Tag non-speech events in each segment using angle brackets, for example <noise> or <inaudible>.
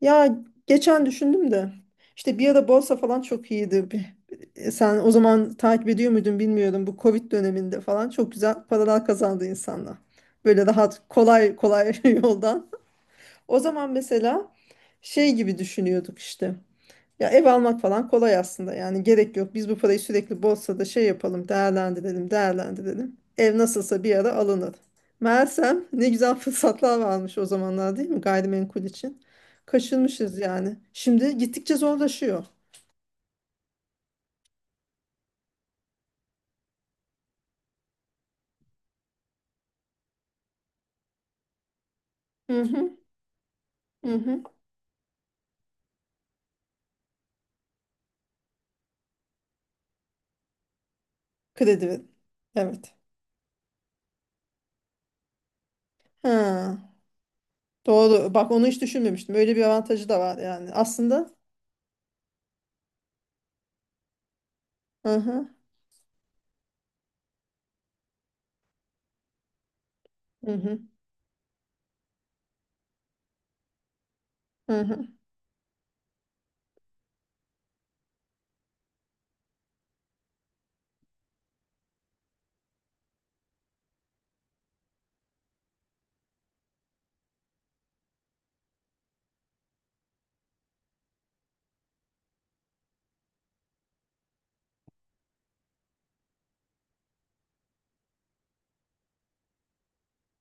Ya geçen düşündüm de işte bir ara borsa falan çok iyiydi. Sen o zaman takip ediyor muydun bilmiyorum. Bu Covid döneminde falan çok güzel paralar kazandı insanlar. Böyle rahat kolay kolay <laughs> yoldan. O zaman mesela şey gibi düşünüyorduk işte. Ya ev almak falan kolay aslında yani gerek yok. Biz bu parayı sürekli borsada şey yapalım, değerlendirelim, değerlendirelim. Ev nasılsa bir ara alınır. Meğersem ne güzel <laughs> fırsatlar varmış o zamanlar değil mi gayrimenkul için? Kaçırmışız yani. Şimdi gittikçe zorlaşıyor. Hı hı, hı hı. Kredi ver. Evet. Ha, doğru. Bak onu hiç düşünmemiştim. Öyle bir avantajı da var yani. Aslında. Hı hı, hı hı, hı hı,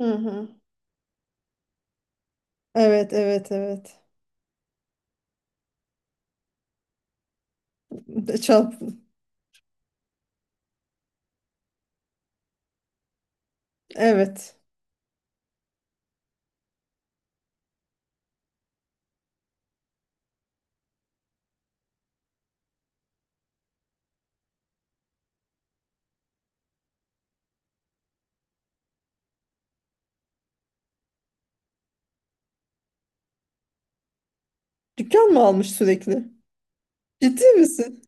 hı hı. Evet, evet, evet. Çarp. Evet. Dükkan mı almış sürekli? Ciddi misin?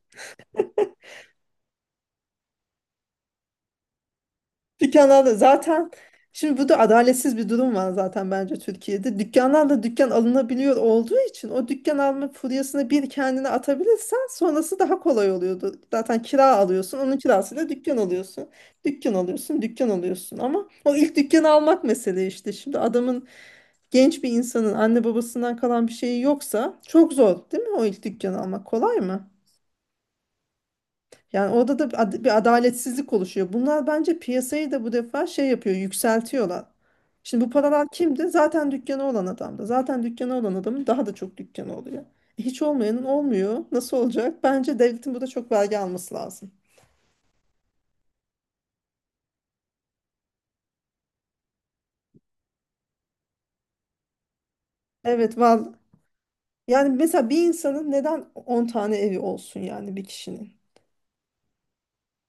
Dükkanlarda zaten şimdi bu da adaletsiz bir durum var zaten bence Türkiye'de. Dükkanlarla dükkan alınabiliyor olduğu için o dükkan alma furyasını bir kendine atabilirsen sonrası daha kolay oluyordu. Zaten kira alıyorsun, onun kirasıyla dükkan alıyorsun. Dükkan alıyorsun, dükkan alıyorsun ama o ilk dükkanı almak mesele işte. Şimdi adamın genç bir insanın anne babasından kalan bir şeyi yoksa çok zor değil mi? O ilk dükkanı almak kolay mı? Yani orada da bir adaletsizlik oluşuyor. Bunlar bence piyasayı da bu defa şey yapıyor, yükseltiyorlar. Şimdi bu paralar kimdi? Zaten dükkanı olan adamdı. Zaten dükkanı olan adamın daha da çok dükkanı oluyor. Hiç olmayanın olmuyor. Nasıl olacak? Bence devletin burada çok vergi alması lazım. Evet, var. Yani mesela bir insanın neden 10 tane evi olsun yani bir kişinin?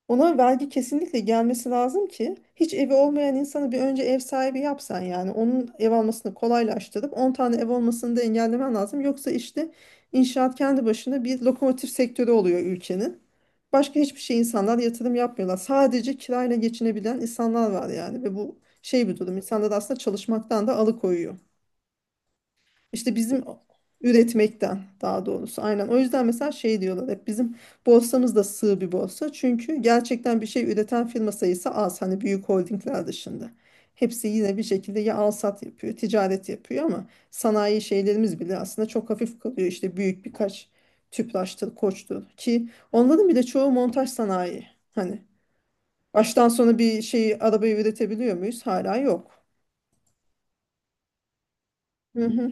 Ona vergi kesinlikle gelmesi lazım ki hiç evi olmayan insanı bir önce ev sahibi yapsan yani onun ev almasını kolaylaştırıp 10 tane ev olmasını da engellemen lazım. Yoksa işte inşaat kendi başına bir lokomotif sektörü oluyor ülkenin. Başka hiçbir şey insanlar yatırım yapmıyorlar. Sadece kirayla geçinebilen insanlar var yani ve bu şey bir durum. İnsanları aslında çalışmaktan da alıkoyuyor. İşte üretmekten daha doğrusu aynen. O yüzden mesela şey diyorlar hep bizim borsamız da sığ bir borsa. Çünkü gerçekten bir şey üreten firma sayısı az. Hani büyük holdingler dışında. Hepsi yine bir şekilde ya alsat yapıyor, ticaret yapıyor ama sanayi şeylerimiz bile aslında çok hafif kalıyor. İşte büyük birkaç Tüpraş'tır, Koç'tur ki onların bile çoğu montaj sanayi. Hani baştan sona bir şeyi arabayı üretebiliyor muyuz? Hala yok. Hı hı.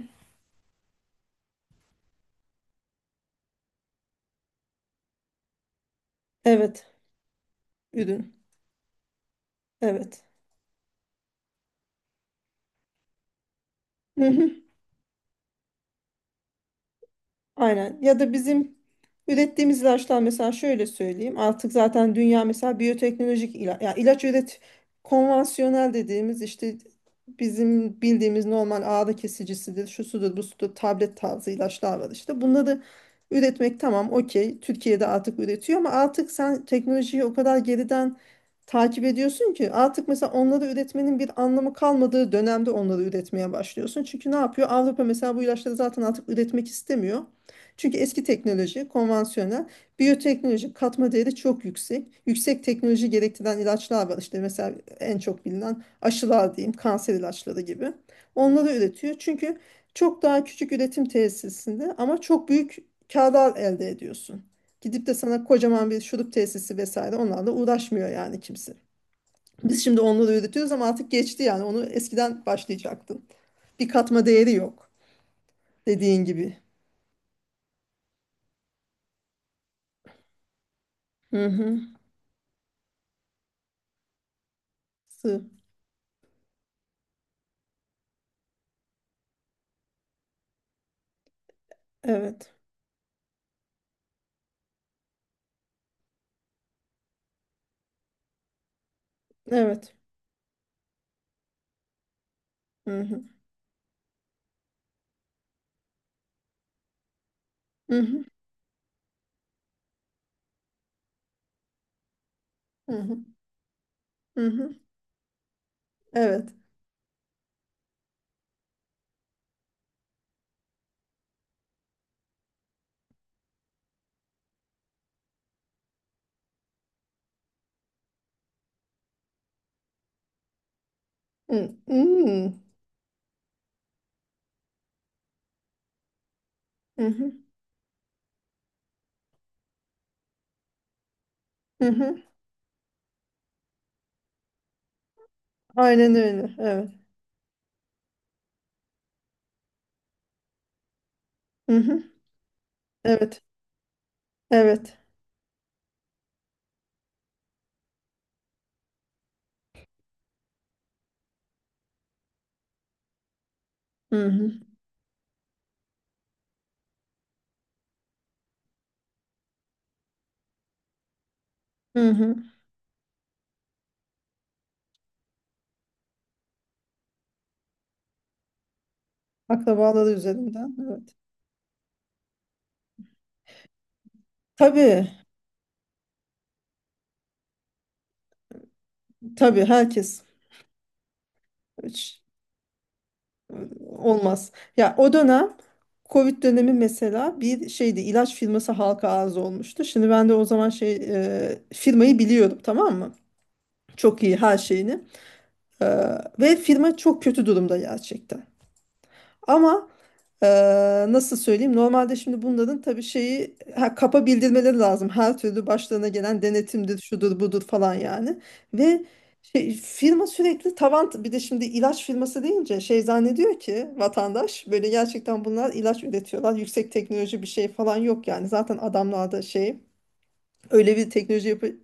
Evet, ürün. Evet. Hı hı. Aynen. Ya da bizim ürettiğimiz ilaçlar mesela şöyle söyleyeyim. Artık zaten dünya mesela biyoteknolojik ilaç, ya ilaç üret konvansiyonel dediğimiz işte bizim bildiğimiz normal ağrı kesicisidir, şu sudur, bu sudur, tablet tarzı ilaçlar var işte. Bunları üretmek tamam okey. Türkiye'de artık üretiyor ama artık sen teknolojiyi o kadar geriden takip ediyorsun ki artık mesela onları üretmenin bir anlamı kalmadığı dönemde onları üretmeye başlıyorsun. Çünkü ne yapıyor? Avrupa mesela bu ilaçları zaten artık üretmek istemiyor. Çünkü eski teknoloji, konvansiyonel, biyoteknoloji katma değeri çok yüksek. Yüksek teknoloji gerektiren ilaçlar var. İşte mesela en çok bilinen aşılar diyeyim, kanser ilaçları gibi. Onları üretiyor. Çünkü çok daha küçük üretim tesisinde ama çok büyük kârlar elde ediyorsun. Gidip de sana kocaman bir şurup tesisi vesaire onlarla uğraşmıyor yani kimse. Biz şimdi onları üretiyoruz ama artık geçti yani onu eskiden başlayacaktın. Bir katma değeri yok dediğin gibi. Hı hı. Sığ. Evet. Evet. Hı hı. Hı hı. Hı hı. Hı hı. Evet. Hı hı. Hı hı. Hı hı. Aynen öyle. Evet. Hı hı. Evet. Evet. Hı hı. Hı hı. Akrabaları üzerinden. Evet. Tabii. Tabii herkes hiç olmaz. Ya o dönem Covid dönemi mesela bir şeydi ilaç firması halka arz olmuştu. Şimdi ben de o zaman firmayı biliyordum tamam mı? Çok iyi her şeyini. E, Ve firma çok kötü durumda gerçekten. Ama nasıl söyleyeyim? Normalde şimdi bunların tabii şeyi ha, kapa bildirmeleri lazım. Her türlü başlarına gelen denetimdir, şudur budur falan yani. Ve şey, firma sürekli tavan bir de şimdi ilaç firması deyince şey zannediyor ki vatandaş böyle gerçekten bunlar ilaç üretiyorlar. Yüksek teknoloji bir şey falan yok yani. Zaten adamlarda şey öyle bir teknoloji yapı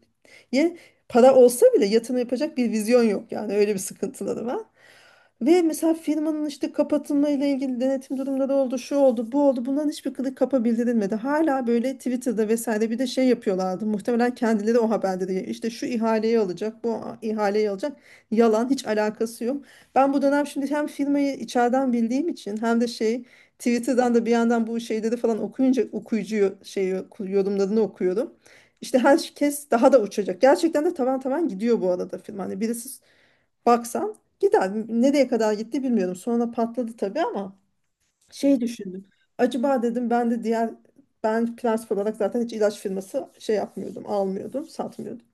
ye para olsa bile yatırım yapacak bir vizyon yok yani öyle bir sıkıntıları var. Ve mesela firmanın işte kapatılma ile ilgili denetim durumları oldu, şu oldu, bu oldu. Bunların hiçbir kılık kapa bildirilmedi. Hala böyle Twitter'da vesaire bir de şey yapıyorlardı. Muhtemelen kendileri o haberleri işte şu ihaleyi alacak, bu ihaleyi alacak. Yalan, hiç alakası yok. Ben bu dönem şimdi hem firmayı içeriden bildiğim için hem de şey Twitter'dan da bir yandan bu şeyleri falan okuyunca okuyucu şey yorumlarını okuyorum. İşte herkes daha da uçacak. Gerçekten de tavan tavan gidiyor bu arada film. Hani birisi baksan gider. Nereye kadar gitti bilmiyorum. Sonra patladı tabii ama şey düşündüm. Acaba dedim ben de diğer ben prensip olarak zaten hiç ilaç firması şey yapmıyordum, almıyordum, satmıyordum.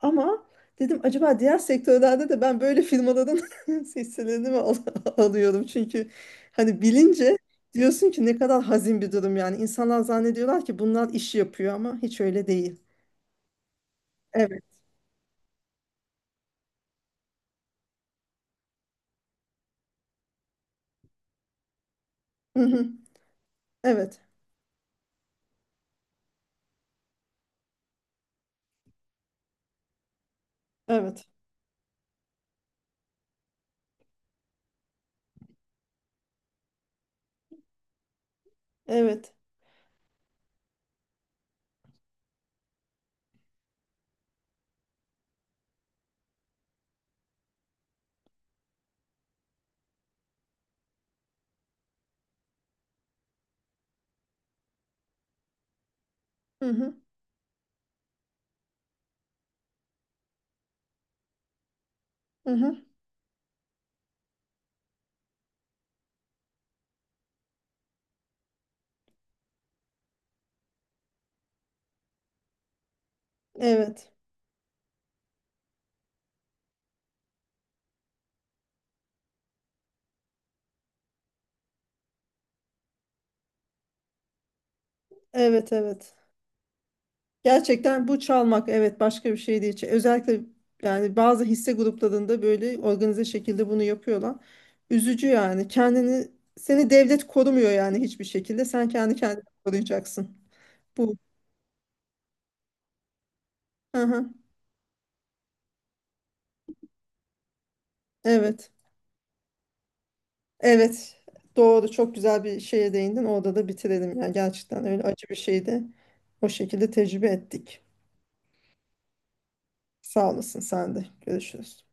Ama dedim acaba diğer sektörlerde de ben böyle firmaların <laughs> hisselerini mi <laughs> alıyorum? Çünkü hani bilince diyorsun ki ne kadar hazin bir durum yani. İnsanlar zannediyorlar ki bunlar iş yapıyor ama hiç öyle değil. Evet. Hı hı. Evet. Evet. Evet. Hı hı. Hı hı. Evet. Evet, evet. Gerçekten bu çalmak evet başka bir şey değil. Özellikle yani bazı hisse gruplarında böyle organize şekilde bunu yapıyorlar. Üzücü yani. Seni devlet korumuyor yani hiçbir şekilde. Sen kendi kendini koruyacaksın. Bu. Hı hı. Evet. Evet. Doğru. Çok güzel bir şeye değindin. Orada da bitirelim. Yani gerçekten öyle acı bir şeydi. O şekilde tecrübe ettik. Sağ olasın sen de. Görüşürüz.